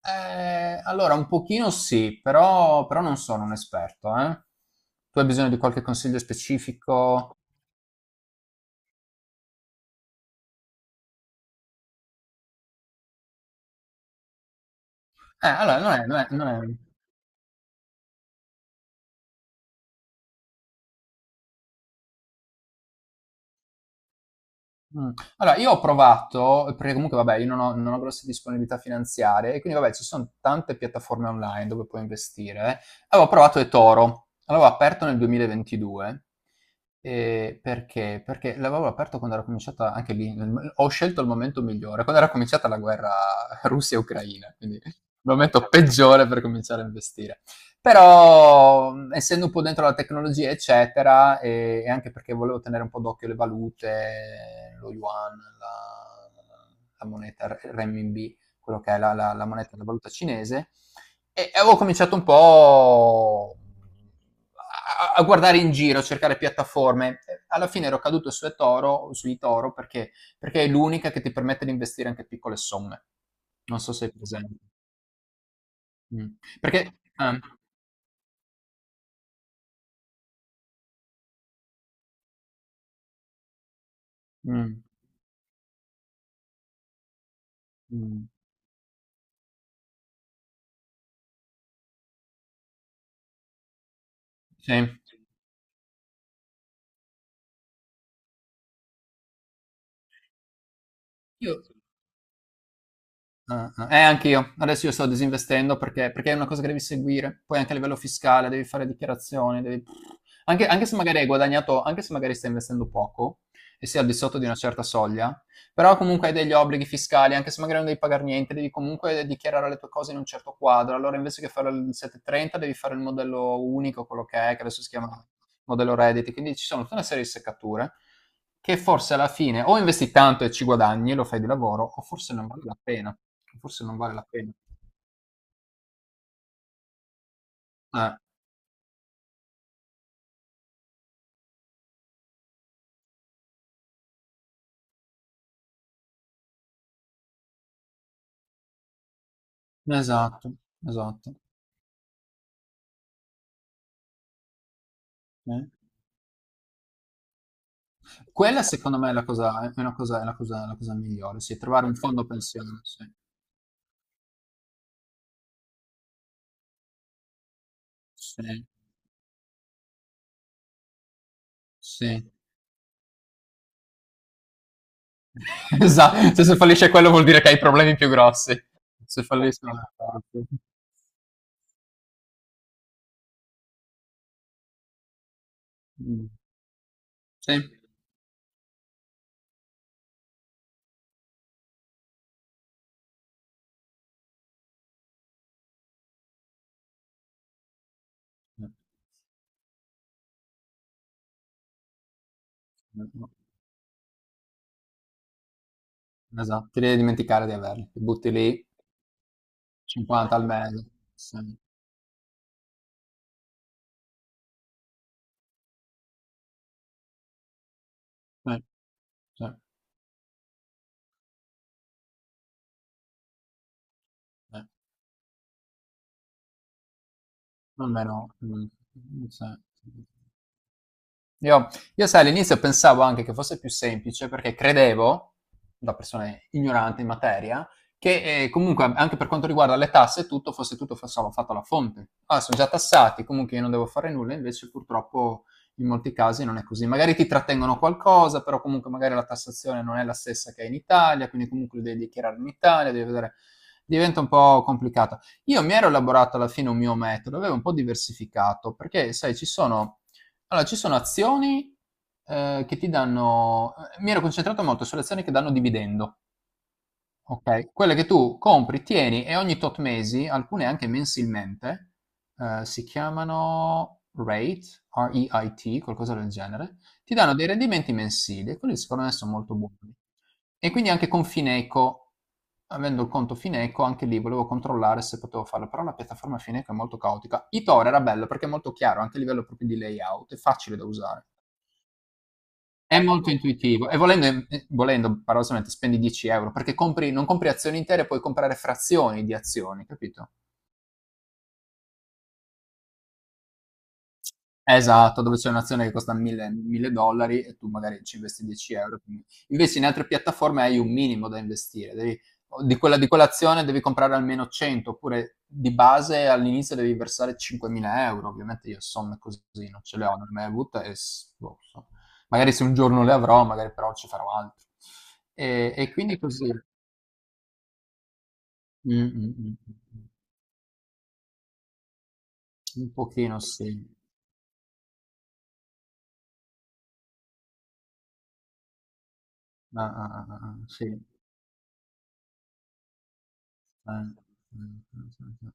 Allora, un pochino sì, però non sono un esperto, eh. Tu hai bisogno di qualche consiglio specifico? Allora, non è. Mh. Allora, io ho provato perché comunque vabbè, io non ho grosse disponibilità finanziarie e quindi vabbè, ci son tante piattaforme online dove puoi investire. Avevo provato eToro, l'avevo aperto nel 2022, perché? Perché l'avevo aperto quando era cominciata anche lì, nel m ho scelto il momento migliore, quando era cominciata la guerra Russia-Ucraina, quindi il momento peggiore per cominciare a investire. Però essendo un po' dentro la tecnologia eccetera e anche perché volevo tenere un po' d'occhio le valute, lo yuan, la moneta renminbi, quello che è la moneta, la valuta cinese, e avevo cominciato un po' a guardare in giro, a cercare piattaforme. Alla fine ero caduto su eToro perché è l'unica che ti permette di investire anche piccole somme. Non so se è presente. Mm. Perché, ah, mm. Mh. Sì. Io. Ah, ah. Anch'io. Adesso io sto disinvestendo perché è una cosa che devi seguire. Poi anche a livello fiscale devi fare dichiarazioni, devi anche se magari hai guadagnato, anche se magari stai investendo poco e sei al di sotto di una certa soglia, però comunque hai degli obblighi fiscali, anche se magari non devi pagar niente, devi comunque dichiarare le tue cose in un certo quadro. Allora invece che fare il 730 devi fare il modello unico, quello che è, che adesso si chiama modello Reddit, quindi ci sono tutta una serie di seccature che forse alla fine o investi tanto e ci guadagni, lo fai di lavoro, o forse non vale la pena. Forse non vale la pena. Eh, esatto, esatto. Eh. Quella secondo me è la cosa, è una cosa, è la cosa migliore, sì, trovare un fondo pensione, sì. Sì, sì. Esatto, cioè, se fallisce quello vuol dire che hai problemi più grossi. Se falliscono le parti. Mm. Sì. No, no. Esatto, ti devi dimenticare di averli, ti butti lì 50 al mese, sì, sì, sì, sì, almeno, mhmm, sì. Sì, sì. Io, io sai, all'inizio pensavo anche che fosse più semplice perché credevo, da persona ignorante in materia, che comunque anche per quanto riguarda le tasse e tutto fosse tutto solo fatto alla fonte. Ah, sono già tassati, comunque io non devo fare nulla, invece purtroppo in molti casi non è così. Magari ti trattengono qualcosa, però comunque magari la tassazione non è la stessa che è in Italia, quindi comunque lo devi dichiarare in Italia, devi vedere. Diventa un po' complicato. Io mi ero elaborato alla fine un mio metodo, avevo un po' diversificato, perché sai, ci sono allora, ci sono azioni, che ti danno mi ero concentrato molto sulle azioni che danno dividendo. Ok, quelle che tu compri, tieni e ogni tot mesi, alcune anche mensilmente, si chiamano rate, REIT, qualcosa del genere, ti danno dei rendimenti mensili e quelli secondo me sono molto buoni. E quindi anche con Fineco, avendo il conto Fineco, anche lì volevo controllare se potevo farlo, però la piattaforma Fineco è molto caotica. Etoro era bello perché è molto chiaro, anche a livello proprio di layout, è facile da usare. È molto intuitivo e volendo, volendo paradossalmente, spendi 10 euro perché compri, non compri azioni intere, puoi comprare frazioni di azioni, capito? Esatto, dove c'è un'azione che costa 1000, 1000 dollari e tu magari ci investi 10 euro. Invece in altre piattaforme hai un minimo da investire, di quella, di quell'azione devi comprare almeno 100, oppure di base all'inizio devi versare 5.000 euro. Ovviamente io somme così non ce le ho, non le ho mai avute e boh, so. Magari se un giorno le avrò, magari però ci farò altro. E quindi così. Mh, mh, mh, mh, mh. Un pochino sì. Ah, ah, ah, ah, ah, sì. Mh, mh, mh, mh.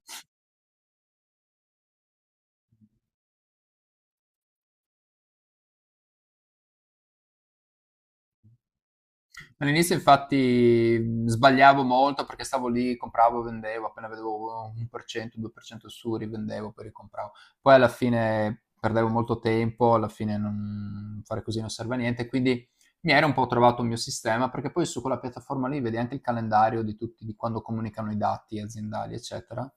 All'inizio infatti sbagliavo molto perché stavo lì, compravo, vendevo, appena vedevo 1%, 2% su, rivendevo, poi ricompravo. Poi alla fine perdevo molto tempo, alla fine non, fare così non serve a niente, quindi mi era un po' trovato il mio sistema perché poi su quella piattaforma lì vedi anche il calendario di tutti, di quando comunicano i dati aziendali, eccetera.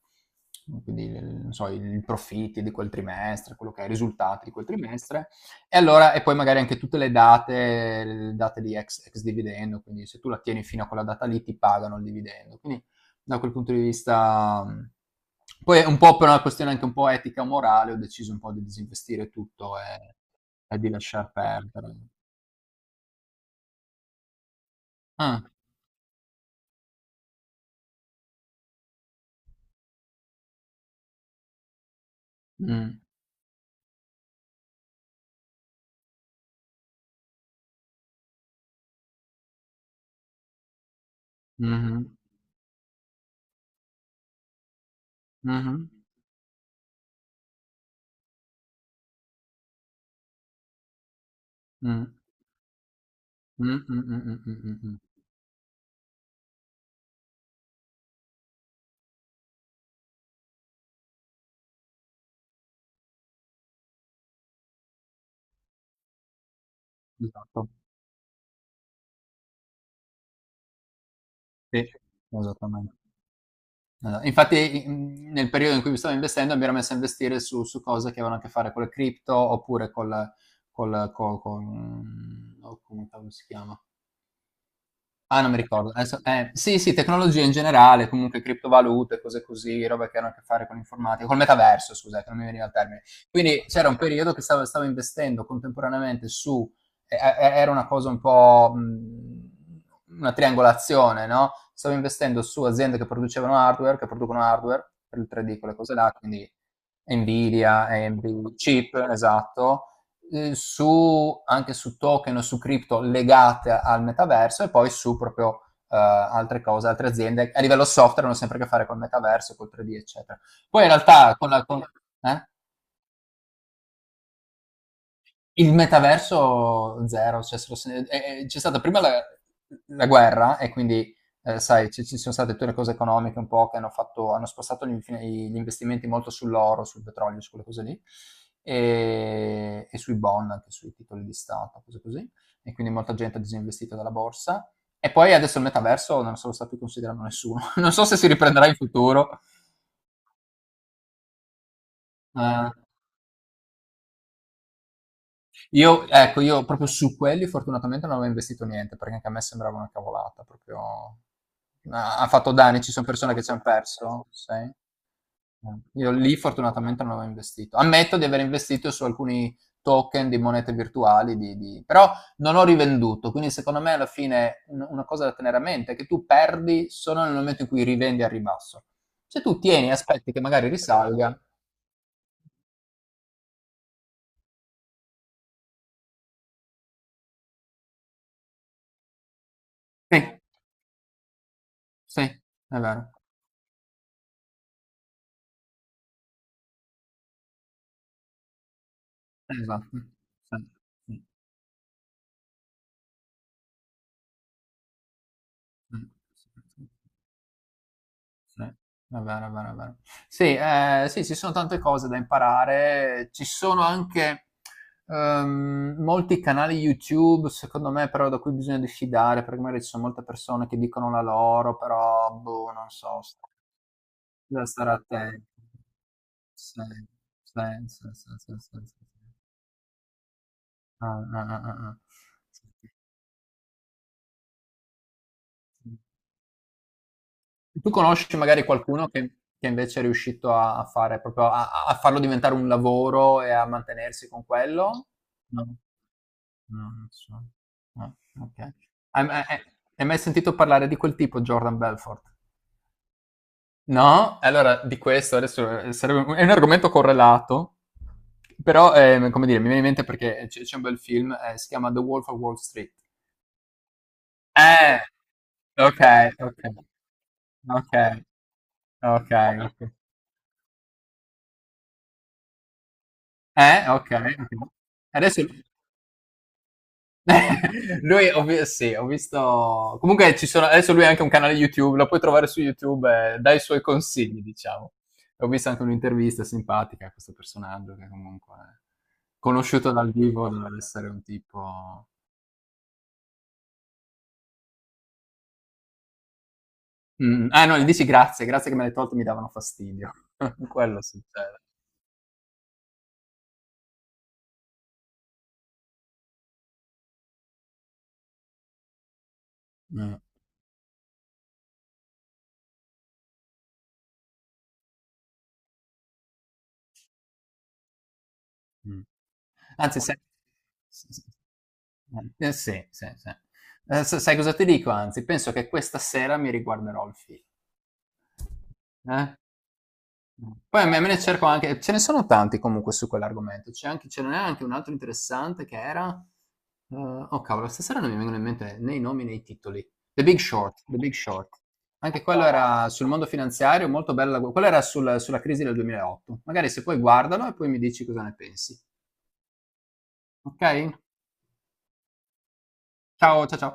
Quindi, non so, i profitti di quel trimestre, quello che è, i risultati di quel trimestre e allora, e poi magari anche tutte le date, di ex dividendo, quindi se tu la tieni fino a quella data lì ti pagano il dividendo. Quindi da quel punto di vista. Poi un po' per una questione anche un po' etica morale ho deciso un po' di disinvestire tutto e di lasciar perdere. Ah, mh, mh-mh, mh-mh, mh, mh, mh. Esatto, sì, esattamente. Infatti, nel periodo in cui stavo investendo, mi ero messo a investire su cose che avevano a che fare con le cripto, oppure col col co con, mhmm, oh, come cavolo si chiama? Ah, non mi ricordo. Sì, sì, tecnologia in generale, comunque criptovalute, cose così, roba che hanno a che fare con l'informatica, col metaverso, scusate, non mi veniva il termine. Quindi c'era un periodo che stavo investendo contemporaneamente su, era una cosa un po' una triangolazione, no? Stavo investendo su aziende che producevano hardware, che producono hardware per il 3D, quelle cose là, quindi Nvidia, AMD, chip, esatto su, anche su token o su cripto legate al metaverso e poi su proprio altre cose, altre aziende. A livello software hanno sempre a che fare col metaverso, col 3D, eccetera. Poi in realtà con la, con, eh? Il metaverso zero, cioè, se lo se- c'è stata prima la guerra e quindi, sai, ci sono state tutte le cose economiche un po' che hanno fatto, hanno spostato gli investimenti molto sull'oro, sul petrolio, su quelle cose lì, e sui bond, anche sui titoli di Stato, cose così, e quindi molta gente ha disinvestito dalla borsa. E poi adesso il metaverso non so se lo sta più considerando nessuno. Non so se si riprenderà in futuro. eh. Io ecco, io proprio su quelli fortunatamente non avevo investito niente, perché anche a me sembrava una cavolata, proprio ha fatto danni, ci son persone che ci han perso, sai? Mh. Io lì fortunatamente non avevo investito. Ammetto di aver investito su alcuni token di monete virtuali di però non ho rivenduto, quindi secondo me alla fine un una cosa da tenere a mente è che tu perdi solo nel momento in cui rivendi al ribasso. Se tu tieni e aspetti che magari risalga sì, sì, è vero. Esatto. Sì, sì. Mh. Sì. Va bene, va bene, va bene. Sì, sì, ci sono tante cose da imparare. Ci sono anche, molti canali YouTube, secondo me, però da cui bisogna diffidare, perché magari ci sono molte persone che dicono la loro, però boh, non so, st bisogna stare attenti. Sì, sì, sì, sì, sì, sì, sì. Ah, ah, ah, ah, ah. Sì, sì, sì. Tu conosci magari qualcuno che invece è riuscito a fare proprio a farlo diventare un lavoro e a mantenersi con quello? No. No, non so. Ah, ok. Hai ma- hai- hai mai sentito parlare di quel tipo, Jordan Belfort? No? Allora, di questo adesso sarebbe è un argomento correlato, però, come dire, mi viene in mente perché c'è un bel film, si chiama The Wolf of Wall Street. Eh, ok, ok, ok, ok, ok. Okay, okay. Adesso lui ho vi sì, ho visto comunque ci sono adesso lui ha anche un canale YouTube, lo puoi trovare su YouTube e dà i suoi consigli, diciamo. Ho visto anche un'intervista simpatica a questo personaggio che comunque è conosciuto dal vivo doveva essere un tipo. Ah, no, gli dici: "Grazie, grazie che me l'hai tolto, mi davano fastidio." Quello succede. Mh. Mh. Anzi sai sì, sì, sì. Sì, sì, sì. S Sai cosa ti dico anzi? Penso che questa sera mi riguarderò il film, eh. Poi a me me ne cerco, anche ce ne sono tanti comunque su quell'argomento. C'è anche ce n'è anche un altro interessante che era oh cavolo, stasera non mi vengono in mente né i nomi né i titoli. The Big Short, The Big Short. Anche quello era sul mondo finanziario, molto bella gu quello era sulla crisi del 2008. Magari se puoi guardalo e poi mi dici cosa ne pensi. Okay? Ciao, ciao.